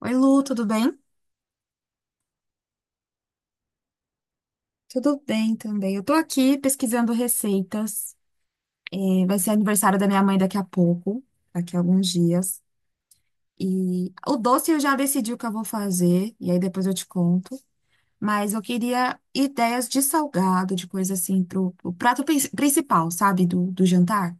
Oi, Lu, tudo bem? Tudo bem também. Eu tô aqui pesquisando receitas. É, vai ser aniversário da minha mãe daqui a pouco, daqui a alguns dias. E o doce eu já decidi o que eu vou fazer, e aí depois eu te conto. Mas eu queria ideias de salgado, de coisa assim, pro prato principal, sabe? Do jantar.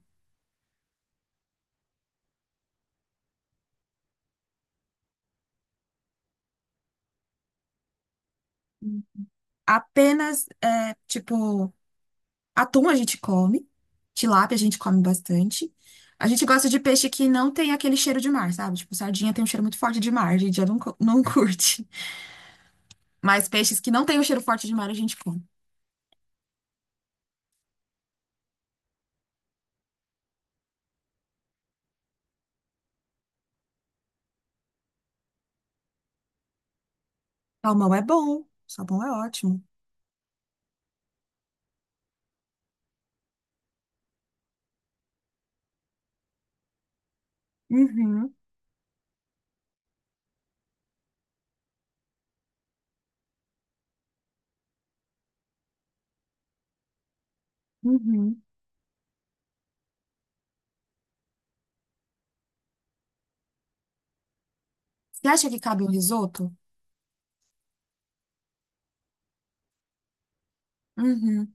Apenas, é, tipo. Atum a gente come, tilápia a gente come bastante. A gente gosta de peixe que não tem aquele cheiro de mar, sabe? Tipo, sardinha tem um cheiro muito forte de mar, a gente já não, não curte. Mas peixes que não tem um cheiro forte de mar a gente come. Salmão é bom, salmão é ótimo. Uhum, uhum. Você acha que cabe um risoto? Uhum.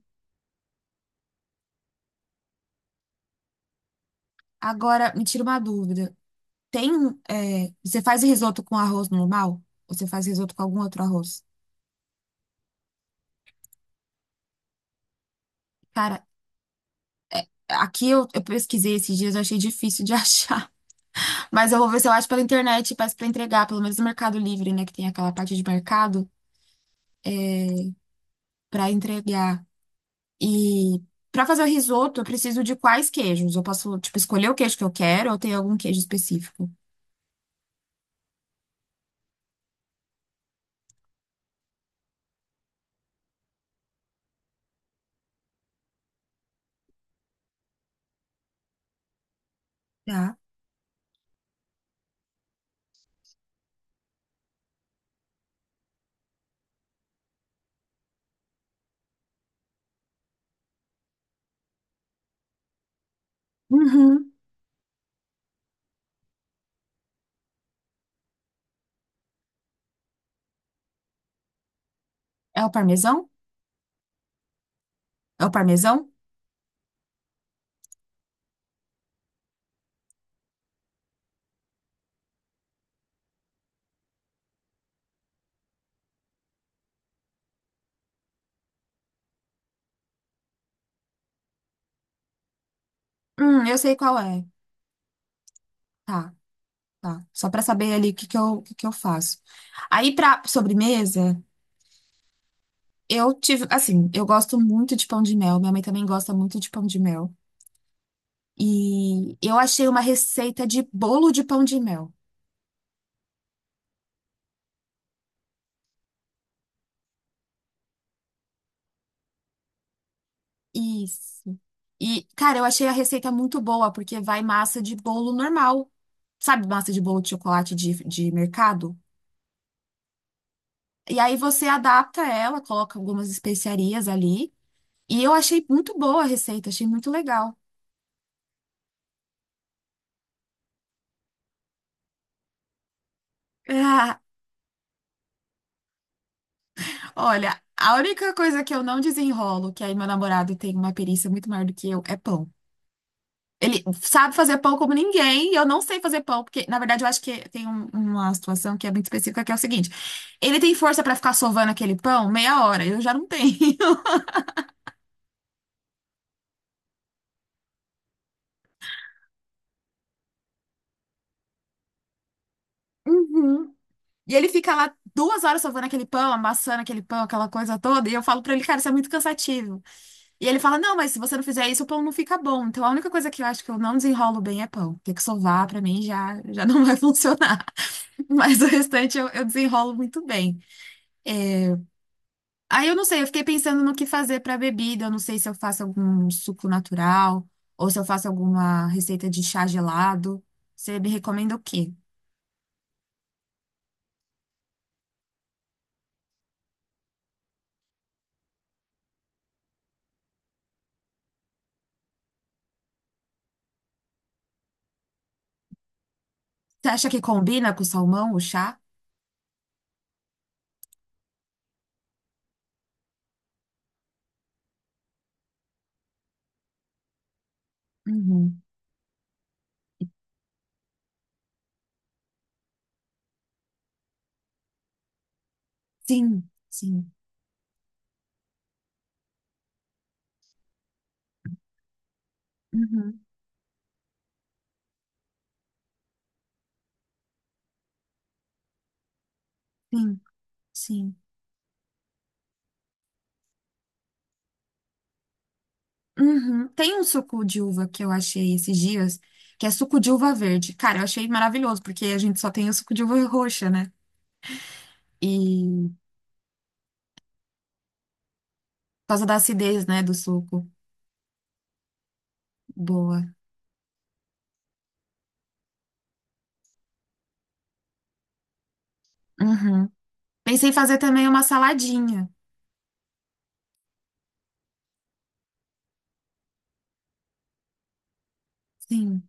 Agora, me tira uma dúvida. Tem, é, você faz risoto com arroz normal? Ou você faz risoto com algum outro arroz? Cara, aqui eu pesquisei esses dias, eu achei difícil de achar. Mas eu vou ver se eu acho pela internet, peço pra entregar, pelo menos no Mercado Livre, né? Que tem aquela parte de mercado pra entregar. E pra fazer o risoto, eu preciso de quais queijos? Eu posso, tipo, escolher o queijo que eu quero ou tem algum queijo específico? Tá. Uhum. É o parmesão? É o parmesão? Eu sei qual é. Tá, tá. Só pra saber ali o que que eu faço. Aí pra sobremesa, assim, eu gosto muito de pão de mel. Minha mãe também gosta muito de pão de mel. E eu achei uma receita de bolo de pão de mel. Isso. E, cara, eu achei a receita muito boa, porque vai massa de bolo normal. Sabe, massa de bolo de chocolate de mercado? E aí você adapta ela, coloca algumas especiarias ali. E eu achei muito boa a receita, achei muito legal. Ah, olha, a única coisa que eu não desenrolo, que aí meu namorado tem uma perícia muito maior do que eu, é pão. Ele sabe fazer pão como ninguém, e eu não sei fazer pão, porque, na verdade, eu acho que tem uma situação que é muito específica, que é o seguinte: ele tem força pra ficar sovando aquele pão meia hora, eu já não tenho. Uhum. E ele fica lá 2 horas sovando aquele pão, amassando aquele pão, aquela coisa toda, e eu falo pra ele, cara, isso é muito cansativo. E ele fala: não, mas se você não fizer isso, o pão não fica bom. Então a única coisa que eu acho que eu não desenrolo bem é pão. Ter que sovar, pra mim, já, já não vai funcionar. Mas o restante eu desenrolo muito bem. Aí eu não sei, eu fiquei pensando no que fazer para bebida. Eu não sei se eu faço algum suco natural ou se eu faço alguma receita de chá gelado. Você me recomenda o quê? Você acha que combina com o salmão, o chá? Uhum. Sim, sim. Uhum. Sim, sim. Uhum. Tem um suco de uva que eu achei esses dias, que é suco de uva verde. Cara, eu achei maravilhoso, porque a gente só tem o suco de uva roxa, né? E por causa da acidez, né, do suco. Boa. Uhum. Pensei em fazer também uma saladinha. Sim,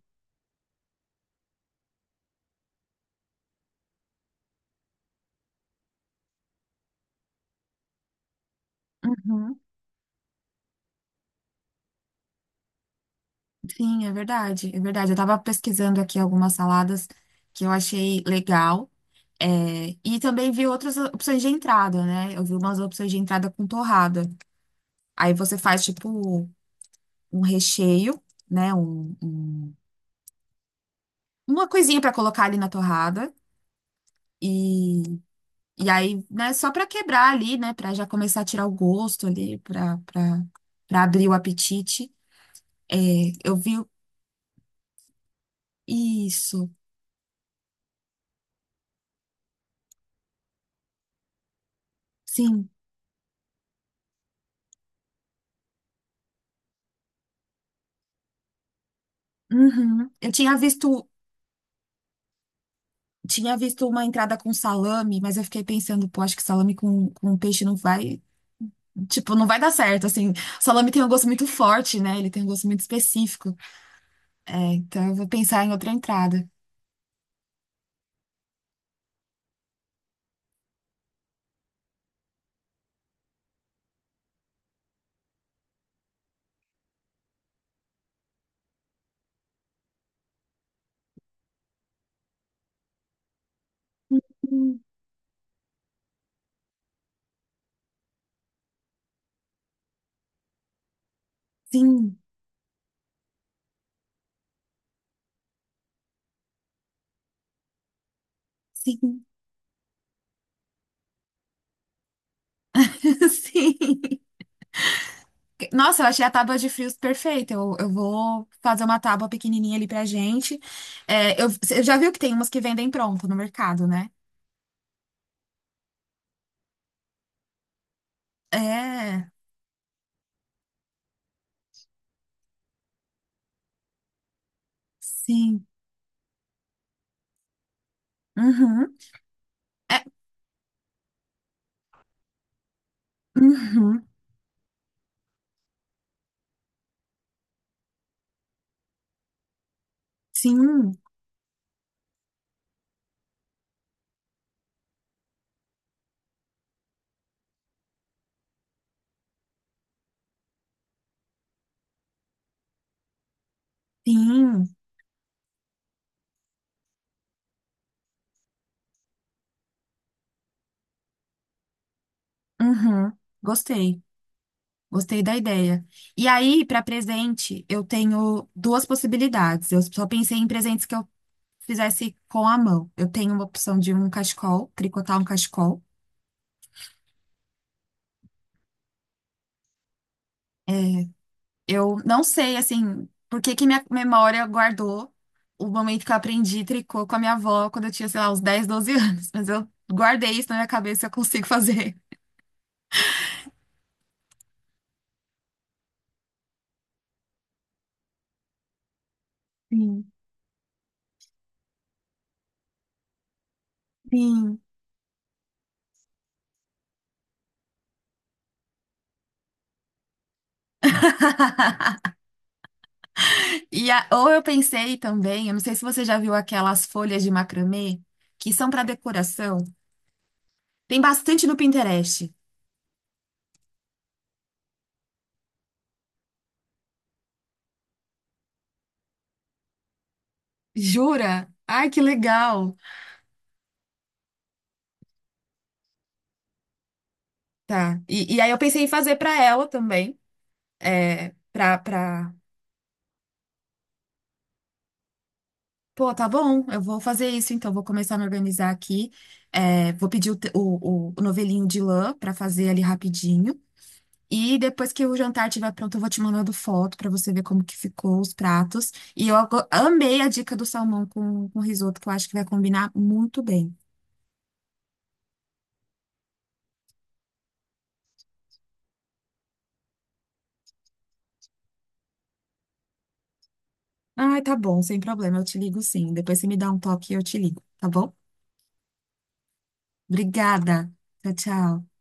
uhum. Sim, é verdade, é verdade. Eu estava pesquisando aqui algumas saladas que eu achei legal. É, e também vi outras opções de entrada, né? Eu vi umas opções de entrada com torrada. Aí você faz tipo um recheio, né? Uma coisinha para colocar ali na torrada. E, e aí, né? Só para quebrar ali, né? Para já começar a tirar o gosto ali, para abrir o apetite. É, eu vi isso. Sim. Uhum. Eu tinha visto uma entrada com salame, mas eu fiquei pensando, pô, acho que salame com peixe não vai, tipo, não vai dar certo, assim. Salame tem um gosto muito forte, né? Ele tem um gosto muito específico. É, então eu vou pensar em outra entrada. Hum, Sim, sim, sim. Nossa, eu achei a tábua de frios perfeita. Eu vou fazer uma tábua pequenininha ali pra gente. É, você já viu que tem umas que vendem pronto no mercado, né? É, sim. Uhum. É, uhum. Sim, sim. Uhum. Gostei. Gostei da ideia. E aí, para presente, eu tenho duas possibilidades. Eu só pensei em presentes que eu fizesse com a mão. Eu tenho uma opção de um cachecol, tricotar um cachecol. Eu não sei, assim, por que que minha memória guardou o momento que eu aprendi tricô com a minha avó quando eu tinha, sei lá, uns 10, 12 anos. Mas eu guardei isso na minha cabeça, e eu consigo fazer. Sim, sim. E ou eu pensei também, eu não sei se você já viu aquelas folhas de macramê que são para decoração. Tem bastante no Pinterest. Jura? Ai, que legal. Tá. E aí eu pensei em fazer para ela também, é, para para Pô, tá bom, eu vou fazer isso, então vou começar a me organizar aqui. É, vou pedir o, te- o novelinho de lã para fazer ali rapidinho. E depois que o jantar estiver pronto, eu vou te mandando foto pra você ver como que ficou os pratos. E eu amei a dica do salmão com risoto, que eu acho que vai combinar muito bem. Ai, tá bom, sem problema, eu te ligo sim. Depois você me dá um toque e eu te ligo, tá bom? Obrigada. Tchau, tchau.